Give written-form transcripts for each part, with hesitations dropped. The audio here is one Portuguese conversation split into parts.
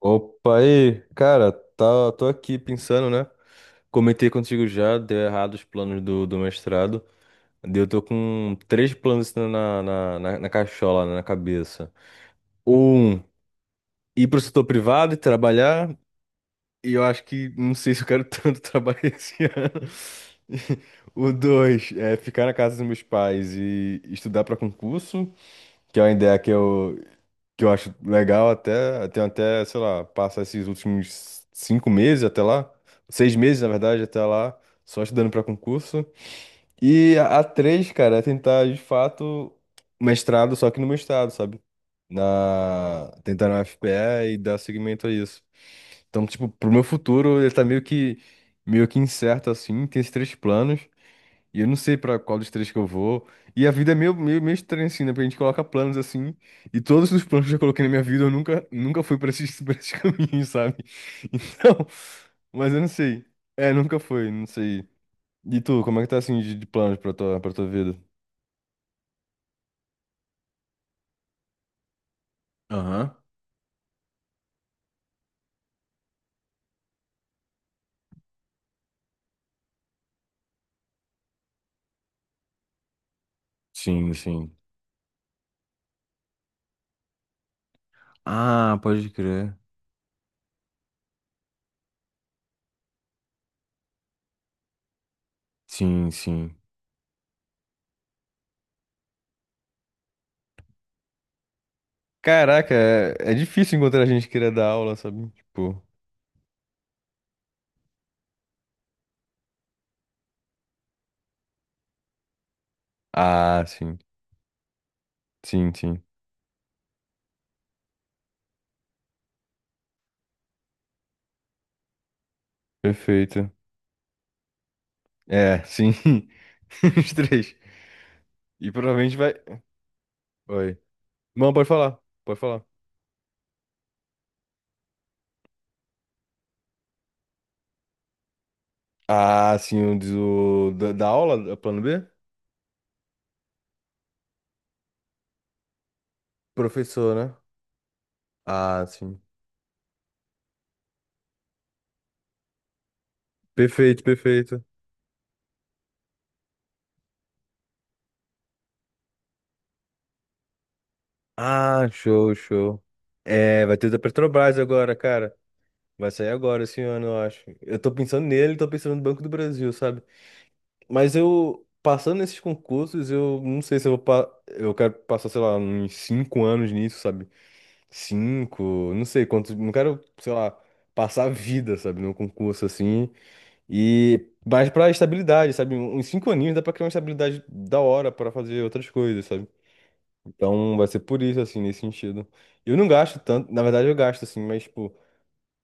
Opa, aí, cara, tá, tô aqui pensando, né? Comentei contigo já, deu errado os planos do mestrado. Daí eu tô com três planos assim na cachola, né, na cabeça. Um, ir pro setor privado e trabalhar, e eu acho que não sei se eu quero tanto trabalhar esse ano. O dois, é ficar na casa dos meus pais e estudar pra concurso, que é uma ideia que eu acho legal até, tem até, sei lá, passar esses últimos 5 meses até lá, 6 meses, na verdade, até lá, só estudando para concurso. E a três, cara, é tentar, de fato, mestrado, só que no meu estado, sabe? Tentar na UFPE e dar seguimento a isso. Então, tipo, pro meu futuro, ele tá meio que incerto, assim, tem esses três planos. E eu não sei pra qual dos três que eu vou. E a vida é meio, meio, meio estranha, assim, né? Porque a gente coloca planos assim. E todos os planos que eu coloquei na minha vida, eu nunca, nunca fui pra esses, pra esses caminhos, sabe? Então. Mas eu não sei. É, nunca foi, não sei. E tu, como é que tá assim de planos pra tua vida? Aham. Sim, sim. Ah, pode crer. Sim, sim. Caraca, é difícil encontrar gente que queira dar aula, sabe? Tipo. Ah, sim. Sim, sim. Perfeito. É, sim. Os três. E provavelmente vai. Oi. Não, pode falar. Pode falar. Ah, sim, o diz o da aula, da plano B? Professor, né? Ah, sim. Perfeito, perfeito. Ah, show, show. É, vai ter da Petrobras agora, cara. Vai sair agora esse ano, eu acho. Eu tô pensando nele, tô pensando no Banco do Brasil, sabe? Mas eu, passando nesses concursos, eu não sei se eu vou. Eu quero passar, sei lá, uns 5 anos nisso, sabe? Cinco, não sei quantos. Não quero, sei lá, passar a vida, sabe, num concurso assim. E mais pra estabilidade, sabe? Uns 5 aninhos dá pra criar uma estabilidade da hora pra fazer outras coisas, sabe? Então vai ser por isso, assim, nesse sentido. Eu não gasto tanto, na verdade eu gasto, assim, mas, tipo,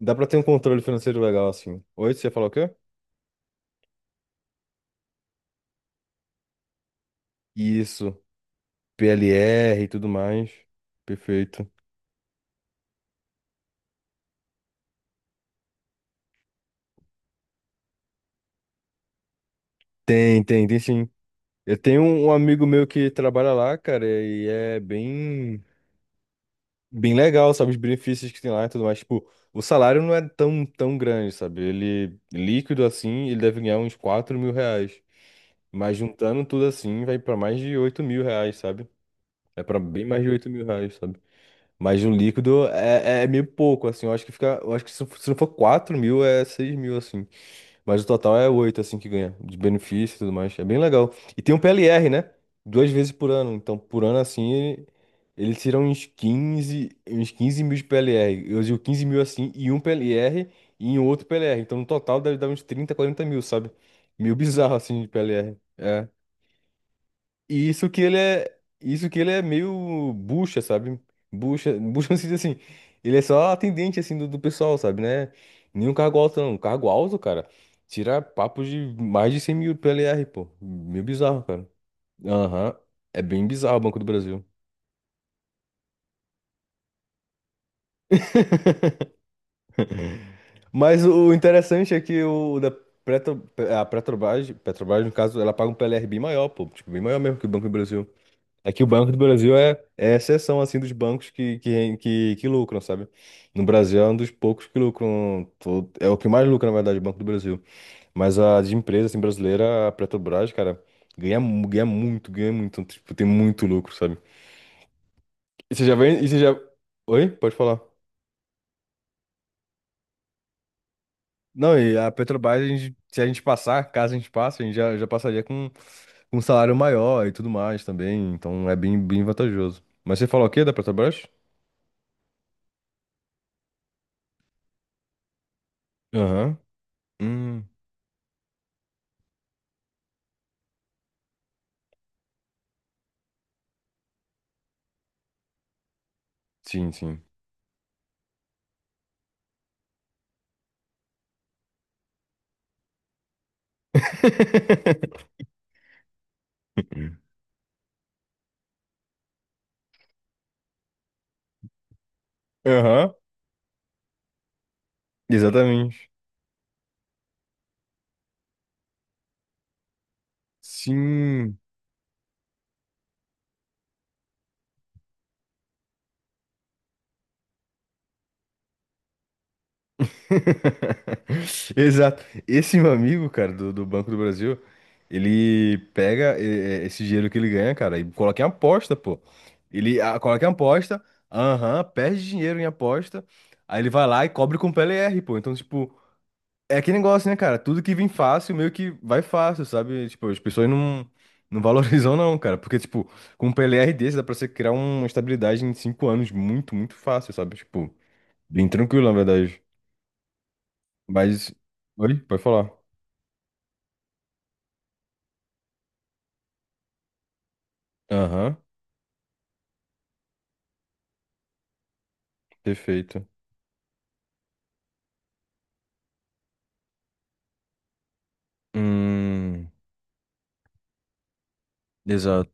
dá pra ter um controle financeiro legal, assim. Oi, você falou o quê? Isso, PLR e tudo mais. Perfeito. Tem sim. Eu tenho um amigo meu que trabalha lá, cara, e é bem legal, sabe? Os benefícios que tem lá e tudo mais. Tipo, o salário não é tão, tão grande, sabe? Ele, é líquido assim, ele deve ganhar uns 4 mil reais. Mas juntando tudo assim, vai pra mais de 8 mil reais, sabe? É pra bem mais de 8 mil reais, sabe? Mas o líquido é meio pouco, assim. Eu acho que fica. Eu acho que se não for 4 mil, é 6 mil, assim. Mas o total é 8 assim, que ganha, de benefício e tudo mais. É bem legal. E tem um PLR, né? 2 vezes por ano. Então, por ano, assim, ele tira uns quinze mil de PLR. Eu digo 15 mil, assim, e um PLR e em outro PLR. Então, no total, deve dar uns 30 40 mil, sabe? Meio bizarro, assim, de PLR. E isso que ele é meio bucha, sabe? Bucha, bucha no sentido assim, ele é só atendente assim do pessoal, sabe, né? Nenhum cargo alto não. Um cargo alto, cara, tira papo de mais de 100 mil PLR, pô, meio bizarro, cara. Aham. É bem bizarro o Banco do Brasil. Mas o interessante é que Petro, a Petrobras, no caso, ela paga um PLR bem maior, pô, tipo, bem maior mesmo que o Banco do Brasil. Aqui o Banco do Brasil é exceção, assim, dos bancos que lucram, sabe? No Brasil é um dos poucos que lucram, é o que mais lucra, na verdade, o Banco do Brasil. Mas a de empresa, assim, brasileira, a Petrobras, cara, ganha muito, ganha muito. Então, tipo, tem muito lucro, sabe? E você já vem, e você já. Oi? Pode falar. Não, e a Petrobras, se a gente passar, caso a gente passe, a gente já passaria com um salário maior e tudo mais também, então é bem, bem vantajoso. Mas você falou o quê da Petrobras? Aham. Hum, sim, sim. Aham, exatamente. Sim. Exato. Esse meu amigo, cara, do Banco do Brasil, ele pega esse dinheiro que ele ganha, cara, e coloca em aposta, pô. Ele coloca em aposta, aham, perde dinheiro em aposta, aí ele vai lá e cobre com o PLR, pô. Então, tipo, é aquele negócio, né, cara? Tudo que vem fácil, meio que vai fácil, sabe? Tipo, as pessoas não valorizam, não, cara. Porque, tipo, com um PLR desse, dá pra você criar uma estabilidade em cinco anos muito, muito fácil, sabe? Tipo, bem tranquilo, na verdade. Mas. Oi? Pode falar. Aham, perfeito. Hum, exato.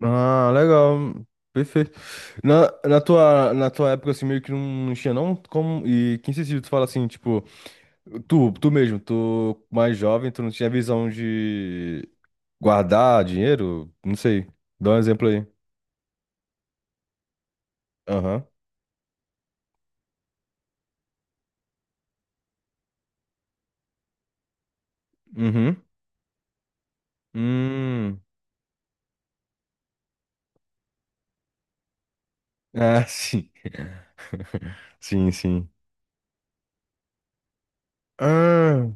Ah, legal. Perfeito. Na tua época, assim, meio que não tinha, não? Como, e quem se tu fala assim, tipo. Tu mesmo, tu mais jovem, tu não tinha visão de guardar dinheiro? Não sei. Dá um exemplo aí. Aham. Uhum. Hum. Ah, sim. Sim, sim. Ah,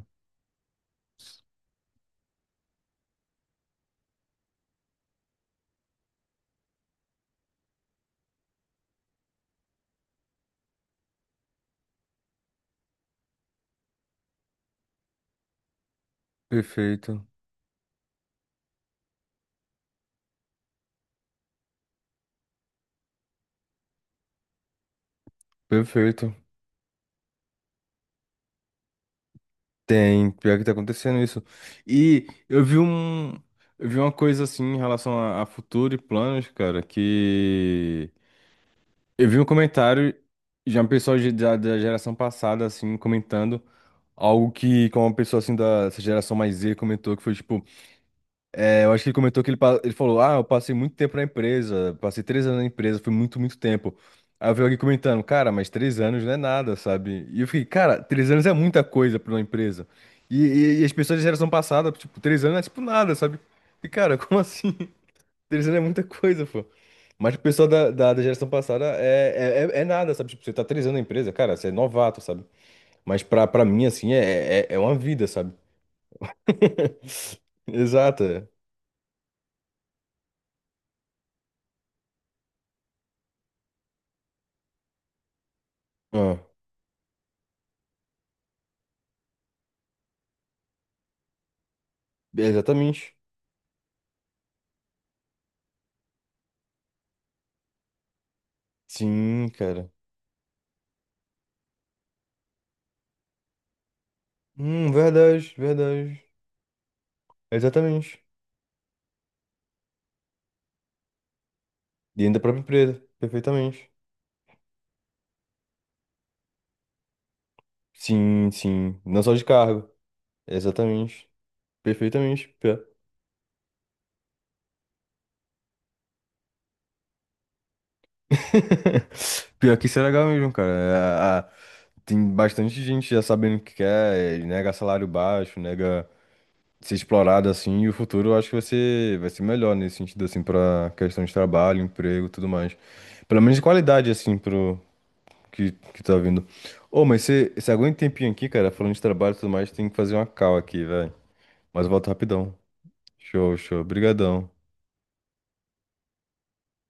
perfeito. Perfeito. Tem, pior que tá acontecendo isso. E eu vi uma coisa assim em relação a futuro e planos, cara, que eu vi um comentário de uma pessoa da geração passada assim comentando algo que, como uma pessoa assim da essa geração mais Z comentou, que foi tipo, é, eu acho que ele comentou que ele falou: Ah, eu passei muito tempo na empresa, passei 3 anos na empresa, foi muito, muito tempo. Aí eu vi alguém comentando: Cara, mas 3 anos não é nada, sabe? E eu fiquei: Cara, 3 anos é muita coisa pra uma empresa. E as pessoas da geração passada, tipo, 3 anos é tipo nada, sabe? E cara, como assim? 3 anos é muita coisa, pô. Mas o pessoal da geração passada é nada, sabe? Tipo, você tá 3 anos na empresa, cara, você é novato, sabe? Mas pra mim, assim, é uma vida, sabe? Exato. É. Ah, exatamente. Sim, cara. Verdade, verdade. Exatamente. Dentro da própria empresa. Perfeitamente. Sim, sim. Não só de cargo. Exatamente. Perfeitamente. Pior. Pior que isso é legal mesmo, cara. É, tem bastante gente já sabendo o que quer, é, nega salário baixo, nega, ser explorado assim, e o futuro eu acho que vai ser melhor nesse sentido, assim, pra questão de trabalho, emprego e tudo mais. Pelo menos de qualidade, assim, pro que tá vindo. Ô, mas você aguenta um tempinho aqui, cara, falando de trabalho e tudo mais, tem que fazer uma call aqui, velho. Mas eu volto rapidão. Show, show. Obrigadão.